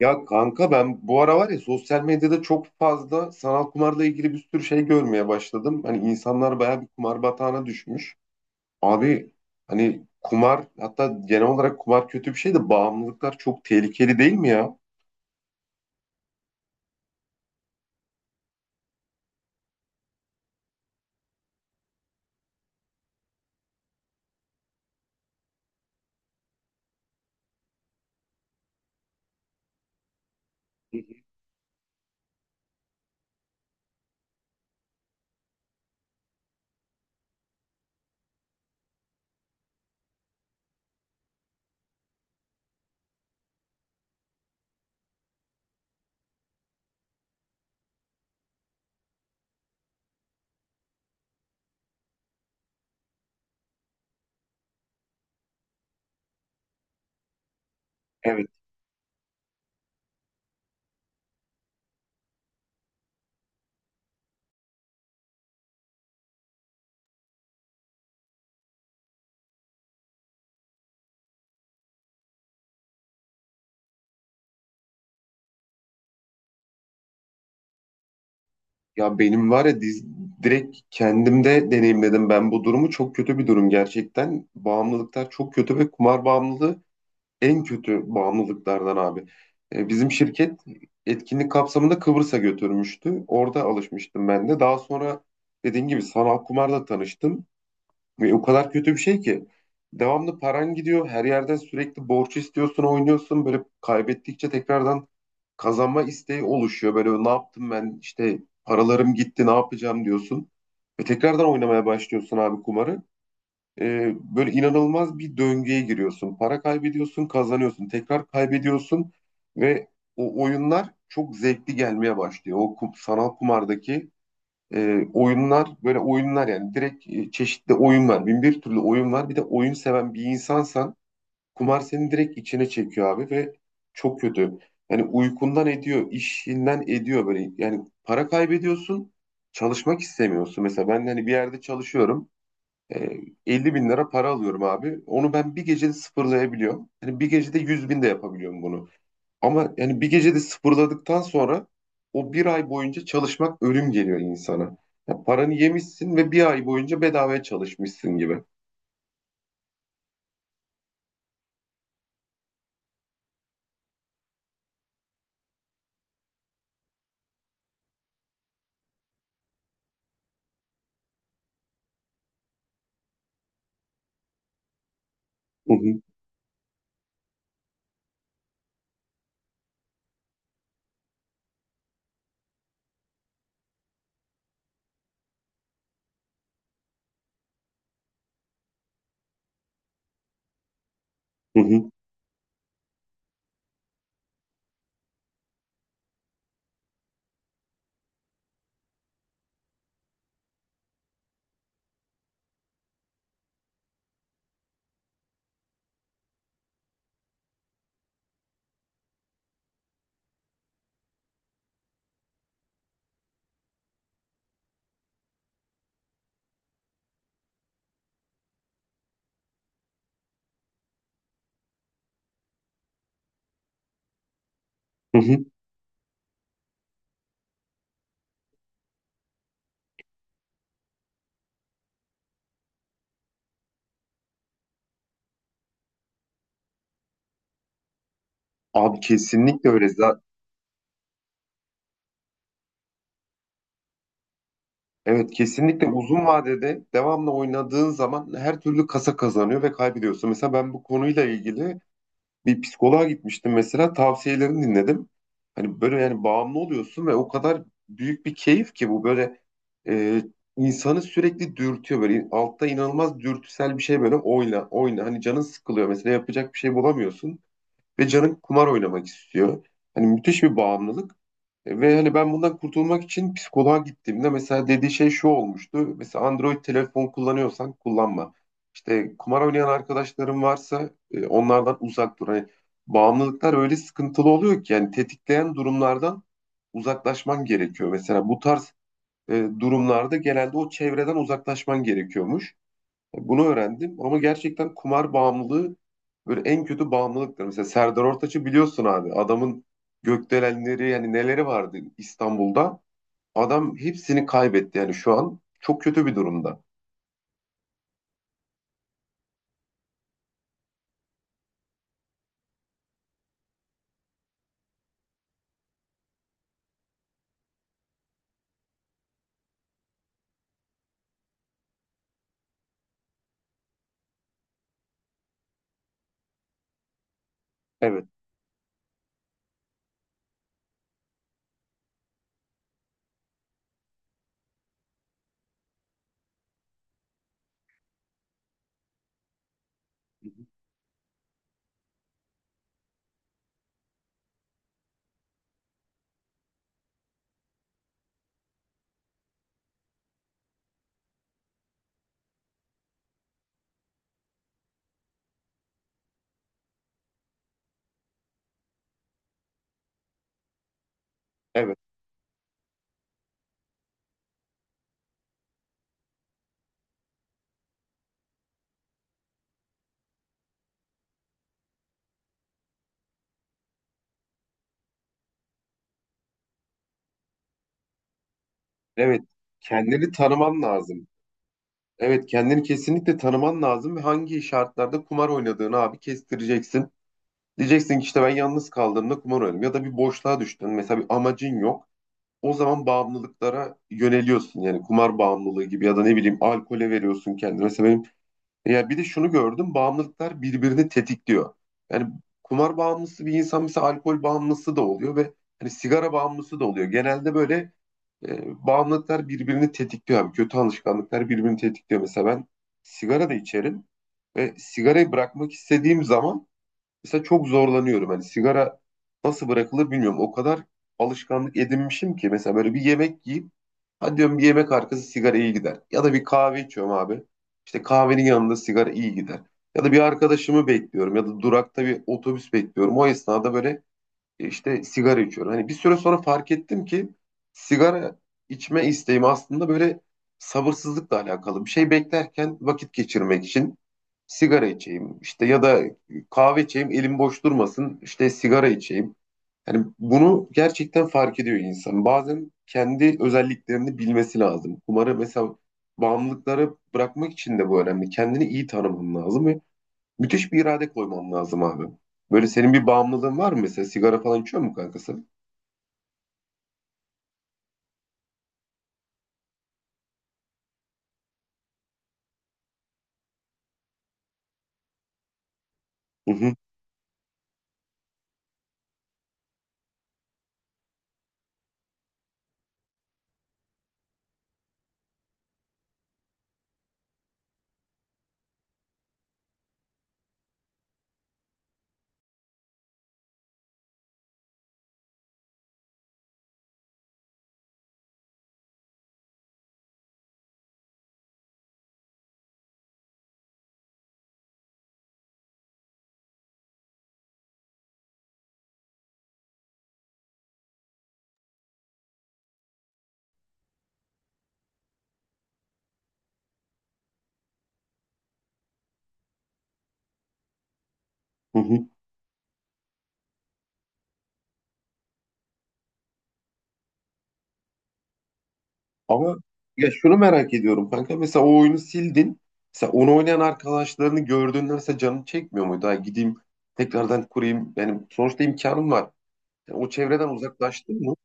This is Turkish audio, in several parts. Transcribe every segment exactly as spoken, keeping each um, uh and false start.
Ya kanka ben bu ara var ya sosyal medyada çok fazla sanal kumarla ilgili bir sürü şey görmeye başladım. Hani insanlar bayağı bir kumar batağına düşmüş. Abi, hani kumar, hatta genel olarak kumar kötü bir şey de bağımlılıklar çok tehlikeli değil mi ya? Evet. Ya benim var ya diz- direkt kendimde deneyimledim ben bu durumu. Çok kötü bir durum gerçekten. Bağımlılıklar çok kötü ve kumar bağımlılığı en kötü bağımlılıklardan abi. E, bizim şirket etkinlik kapsamında Kıbrıs'a götürmüştü. Orada alışmıştım ben de. Daha sonra dediğim gibi sanal kumarla tanıştım. Ve o kadar kötü bir şey ki devamlı paran gidiyor. Her yerden sürekli borç istiyorsun, oynuyorsun. Böyle kaybettikçe tekrardan kazanma isteği oluşuyor. Böyle ne yaptım ben, işte paralarım gitti ne yapacağım diyorsun. Ve tekrardan oynamaya başlıyorsun abi kumarı, e, böyle inanılmaz bir döngüye giriyorsun. Para kaybediyorsun, kazanıyorsun, tekrar kaybediyorsun ve o oyunlar çok zevkli gelmeye başlıyor. O kum, sanal kumardaki e, oyunlar, böyle oyunlar yani, direkt e, çeşitli oyun var. Bin bir türlü oyun var. Bir de oyun seven bir insansan kumar seni direkt içine çekiyor abi, ve çok kötü. Yani uykundan ediyor, işinden ediyor böyle. Yani para kaybediyorsun, çalışmak istemiyorsun. Mesela ben hani bir yerde çalışıyorum. E, elli bin lira para alıyorum abi. Onu ben bir gecede sıfırlayabiliyorum. Yani bir gecede yüz bin de yapabiliyorum bunu. Ama yani bir gecede sıfırladıktan sonra o bir ay boyunca çalışmak ölüm geliyor insana. Ya paranı yemişsin ve bir ay boyunca bedavaya çalışmışsın gibi. Hı hı, hı hı, hı hı. Abi kesinlikle öyle. Za- Evet, kesinlikle uzun vadede devamlı oynadığın zaman her türlü kasa kazanıyor ve kaybediyorsun. Mesela ben bu konuyla ilgili bir psikoloğa gitmiştim, mesela tavsiyelerini dinledim. Hani böyle, yani bağımlı oluyorsun ve o kadar büyük bir keyif ki bu, böyle e, insanı sürekli dürtüyor, böyle altta inanılmaz dürtüsel bir şey, böyle oyna oyna, hani canın sıkılıyor mesela, yapacak bir şey bulamıyorsun ve canın kumar oynamak istiyor. Hani müthiş bir bağımlılık. E, Ve hani ben bundan kurtulmak için psikoloğa gittiğimde mesela dediği şey şu olmuştu. Mesela Android telefon kullanıyorsan kullanma. İşte kumar oynayan arkadaşların varsa e, onlardan uzak dur. Hani bağımlılıklar öyle sıkıntılı oluyor ki, yani tetikleyen durumlardan uzaklaşman gerekiyor. Mesela bu tarz e, durumlarda genelde o çevreden uzaklaşman gerekiyormuş. Bunu öğrendim ama gerçekten kumar bağımlılığı böyle en kötü bağımlılıktır. Mesela Serdar Ortaç'ı biliyorsun abi. Adamın gökdelenleri, yani neleri vardı İstanbul'da. Adam hepsini kaybetti, yani şu an çok kötü bir durumda. Evet. Hı hı. Evet. Evet. Kendini tanıman lazım. Evet, kendini kesinlikle tanıman lazım ve hangi şartlarda kumar oynadığını abi kestireceksin. Diyeceksin ki işte ben yalnız kaldığımda kumar oynadım, ya da bir boşluğa düştün. Mesela bir amacın yok, o zaman bağımlılıklara yöneliyorsun. Yani kumar bağımlılığı gibi ya da ne bileyim alkole veriyorsun kendine. Mesela benim, ya bir de şunu gördüm, bağımlılıklar birbirini tetikliyor. Yani kumar bağımlısı bir insan mesela alkol bağımlısı da oluyor ve hani sigara bağımlısı da oluyor. Genelde böyle e, bağımlılıklar birbirini tetikliyor abi. Kötü alışkanlıklar birbirini tetikliyor. Mesela ben sigara da içerim ve sigarayı bırakmak istediğim zaman mesela çok zorlanıyorum. Hani sigara nasıl bırakılır bilmiyorum. O kadar alışkanlık edinmişim ki. Mesela böyle bir yemek yiyip hadi diyorum bir yemek arkası sigara iyi gider. Ya da bir kahve içiyorum abi. İşte kahvenin yanında sigara iyi gider. Ya da bir arkadaşımı bekliyorum ya da durakta bir otobüs bekliyorum. O esnada böyle işte sigara içiyorum. Hani bir süre sonra fark ettim ki sigara içme isteğim aslında böyle sabırsızlıkla alakalı. Bir şey beklerken vakit geçirmek için sigara içeyim işte, ya da kahve içeyim elim boş durmasın işte sigara içeyim. Yani bunu gerçekten fark ediyor insan. Bazen kendi özelliklerini bilmesi lazım. Umarım, mesela bağımlılıkları bırakmak için de bu önemli. Kendini iyi tanıman lazım ve müthiş bir irade koyman lazım abi. Böyle senin bir bağımlılığın var mı mesela? Sigara falan içiyor mu kankası? Hı hı, hı hı. Ama ya şunu merak ediyorum kanka. Mesela o oyunu sildin. Mesela onu oynayan arkadaşlarını gördüğünde mesela canın çekmiyor muydu? Ha, gideyim tekrardan kurayım. Yani sonuçta imkanım var. Yani o çevreden uzaklaştın mı?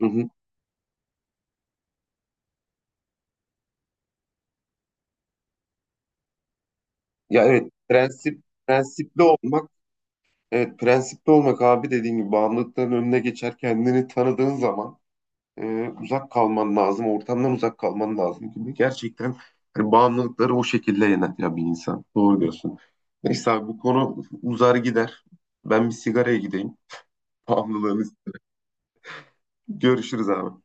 Hı hı. Ya evet, prensip prensipli olmak. Evet, prensipli olmak abi, dediğin gibi bağımlılıkların önüne geçer kendini tanıdığın zaman. E, uzak kalman lazım, ortamdan uzak kalman lazım gibi. Gerçekten hani bağımlılıkları o şekilde yener ya bir insan. Doğru diyorsun. Neyse abi, bu konu uzar gider. Ben bir sigaraya gideyim. Bağımlılığını görüşürüz abi.